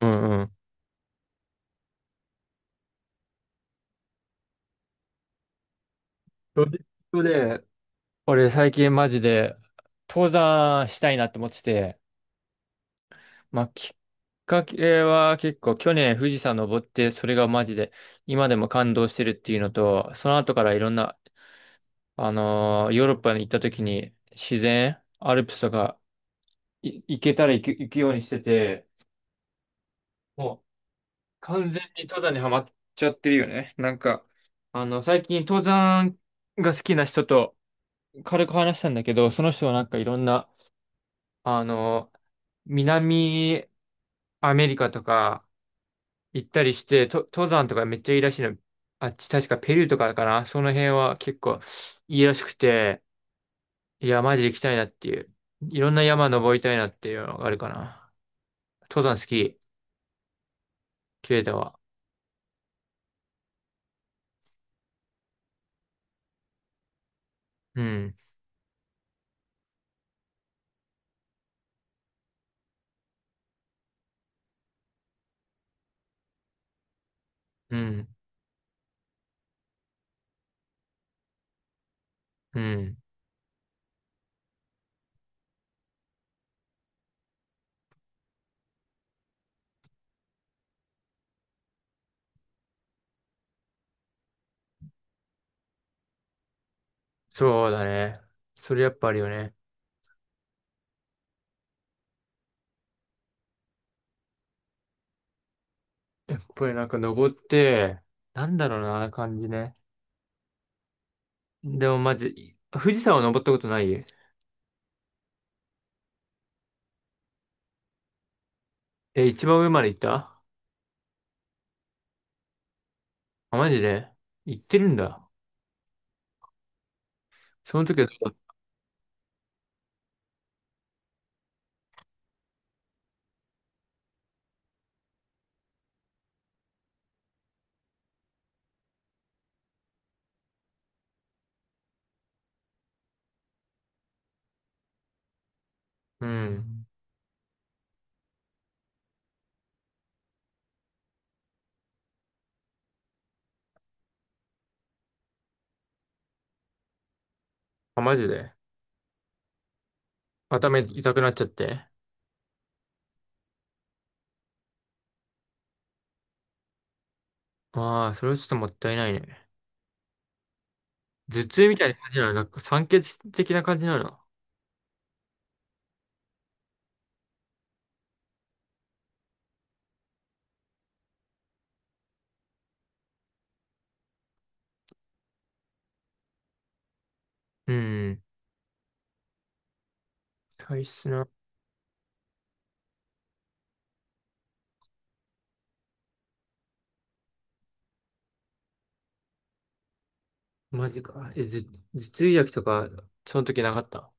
うんうん。ロジックで、俺最近マジで登山したいなって思ってて、まあきっかけは結構去年富士山登って、それがマジで今でも感動してるっていうのと、その後からいろんな、ヨーロッパに行った時に自然、アルプスとかい行けたら行く、行くようにしてて、もう完全に登山にはまっちゃってるよね。なんか、あの最近登山が好きな人と軽く話したんだけど、その人はなんかいろんなあの、南アメリカとか行ったりして、と、登山とかめっちゃいいらしいの。あっち確かペルーとかかな。その辺は結構いいらしくて、いや、マジで行きたいなっていう。いろんな山登りたいなっていうのがあるかな。登山好き、ケイタは。うん、うん、うん。そうだね。それやっぱあるよね。やっぱりなんか登って、なんだろうな、感じね。でもまず、富士山を登ったことない。え、一番上まで行った。あ、マジで行ってるんだ。その時はう、うん。あ、マジで頭痛くなっちゃって。ああ、それはちょっともったいないね。頭痛みたいな感じなの、なんか酸欠的な感じなの。うん。体質な。マジか。え、頭、頭痛薬とか、その時なかった。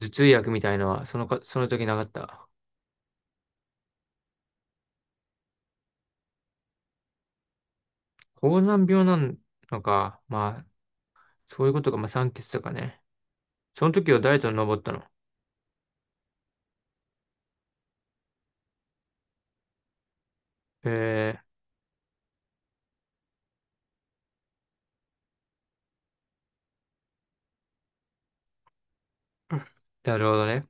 頭痛薬みたいのは、そのか、その時なかった。高山病なのか。まあ、そういうことか。まあ、酸欠とかね。その時はダイエットに登ったの。えー、なるほどね。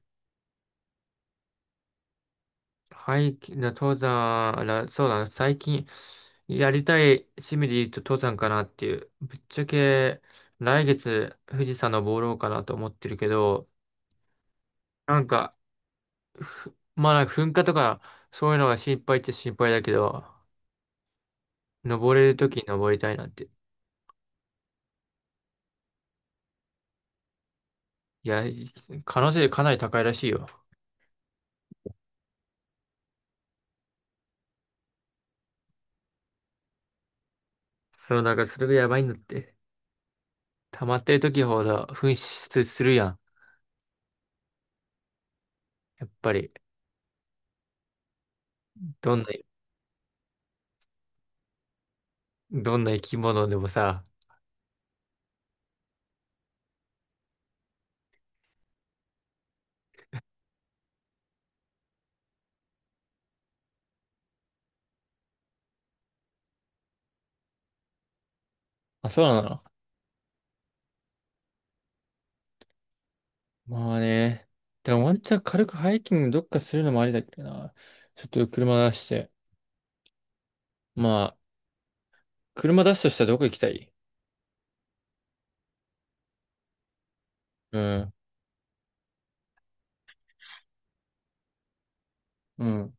はいき、じゃあ登山、らそうだな、最近やりたい趣味で言うと登山かなっていう。ぶっちゃけ来月富士山登ろうかなと思ってるけど、なんか、ふまあなんか噴火とかそういうのが心配っちゃ心配だけど、登れるときに登りたいなって。いや、可能性かなり高いらしいよ。そう、なんかそれがやばいんだって。溜まってる時ほど噴出するやん。やっぱり、どんな、どんな生き物でもさ。あ、そうなの。まあね。でもワンチャン軽くハイキングどっかするのもありだけどな。ちょっと車出して。まあ、車出すとしたらどこ行きたい。うん。うん。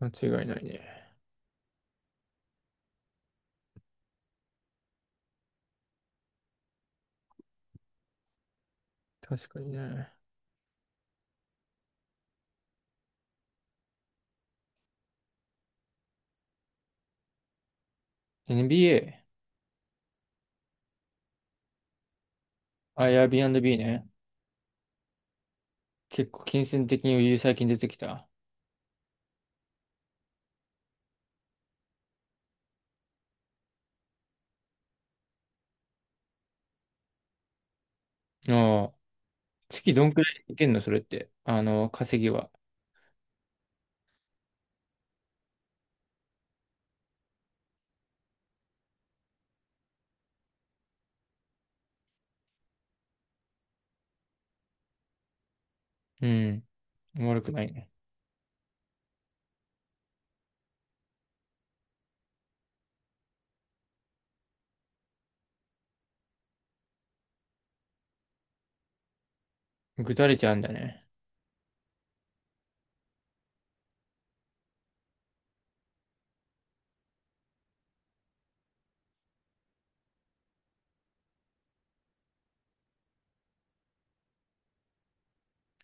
間違いないね。確かにね。NBA？ あ、Airbnb ね。結構金銭的に余裕最近出てきた。ああ。月どんくらいいけんのそれって。あの、稼ぎは。うん。悪くないね。ぐだれちゃうんだね。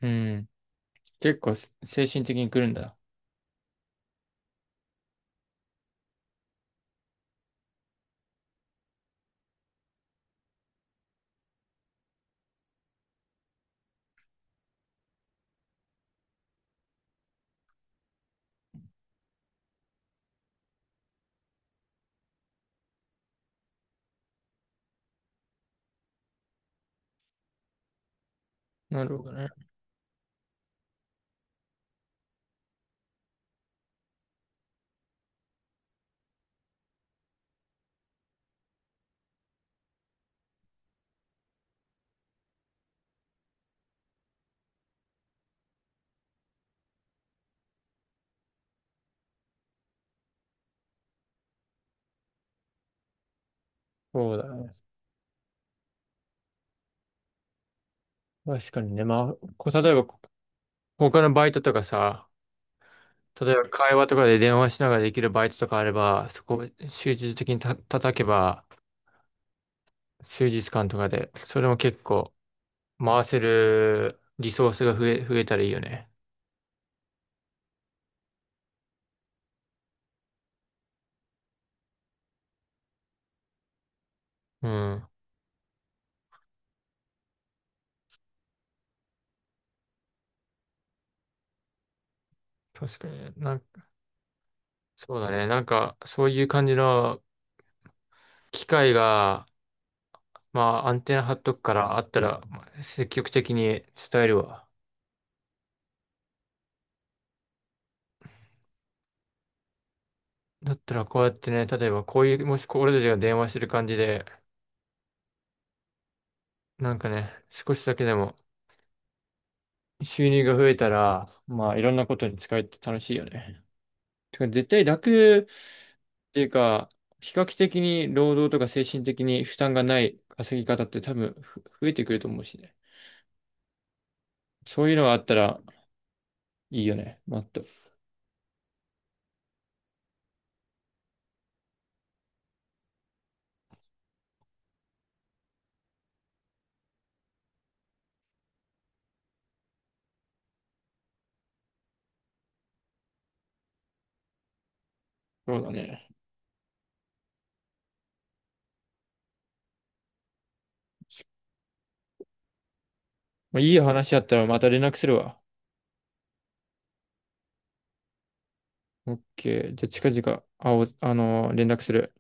うん。結構精神的に来るんだ。なるほどね。そうだね。確かにね。まあ、こう、例えば、他のバイトとかさ、例えば会話とかで電話しながらできるバイトとかあれば、そこを集中的にた叩けば、数日間とかで、それも結構回せるリソースが増え、増えたらいいよね。うん。確かに。なんか、そうだね。なんか、そういう感じの機会が、まあ、アンテナ張っとくから、あったら、まあ積極的に伝えるわ。だったら、こうやってね、例えば、こういう、もしこう俺たちが電話してる感じで、なんかね、少しだけでも、収入が増えたら、まあいろんなことに使えて楽しいよね。てか絶対楽っていうか、比較的に労働とか精神的に負担がない稼ぎ方って多分ふ増えてくると思うしね。そういうのがあったらいいよね。もっと。そうだね。まあ、いい話あったらまた連絡するわ。オッケー。じゃあ近々、あお、連絡する。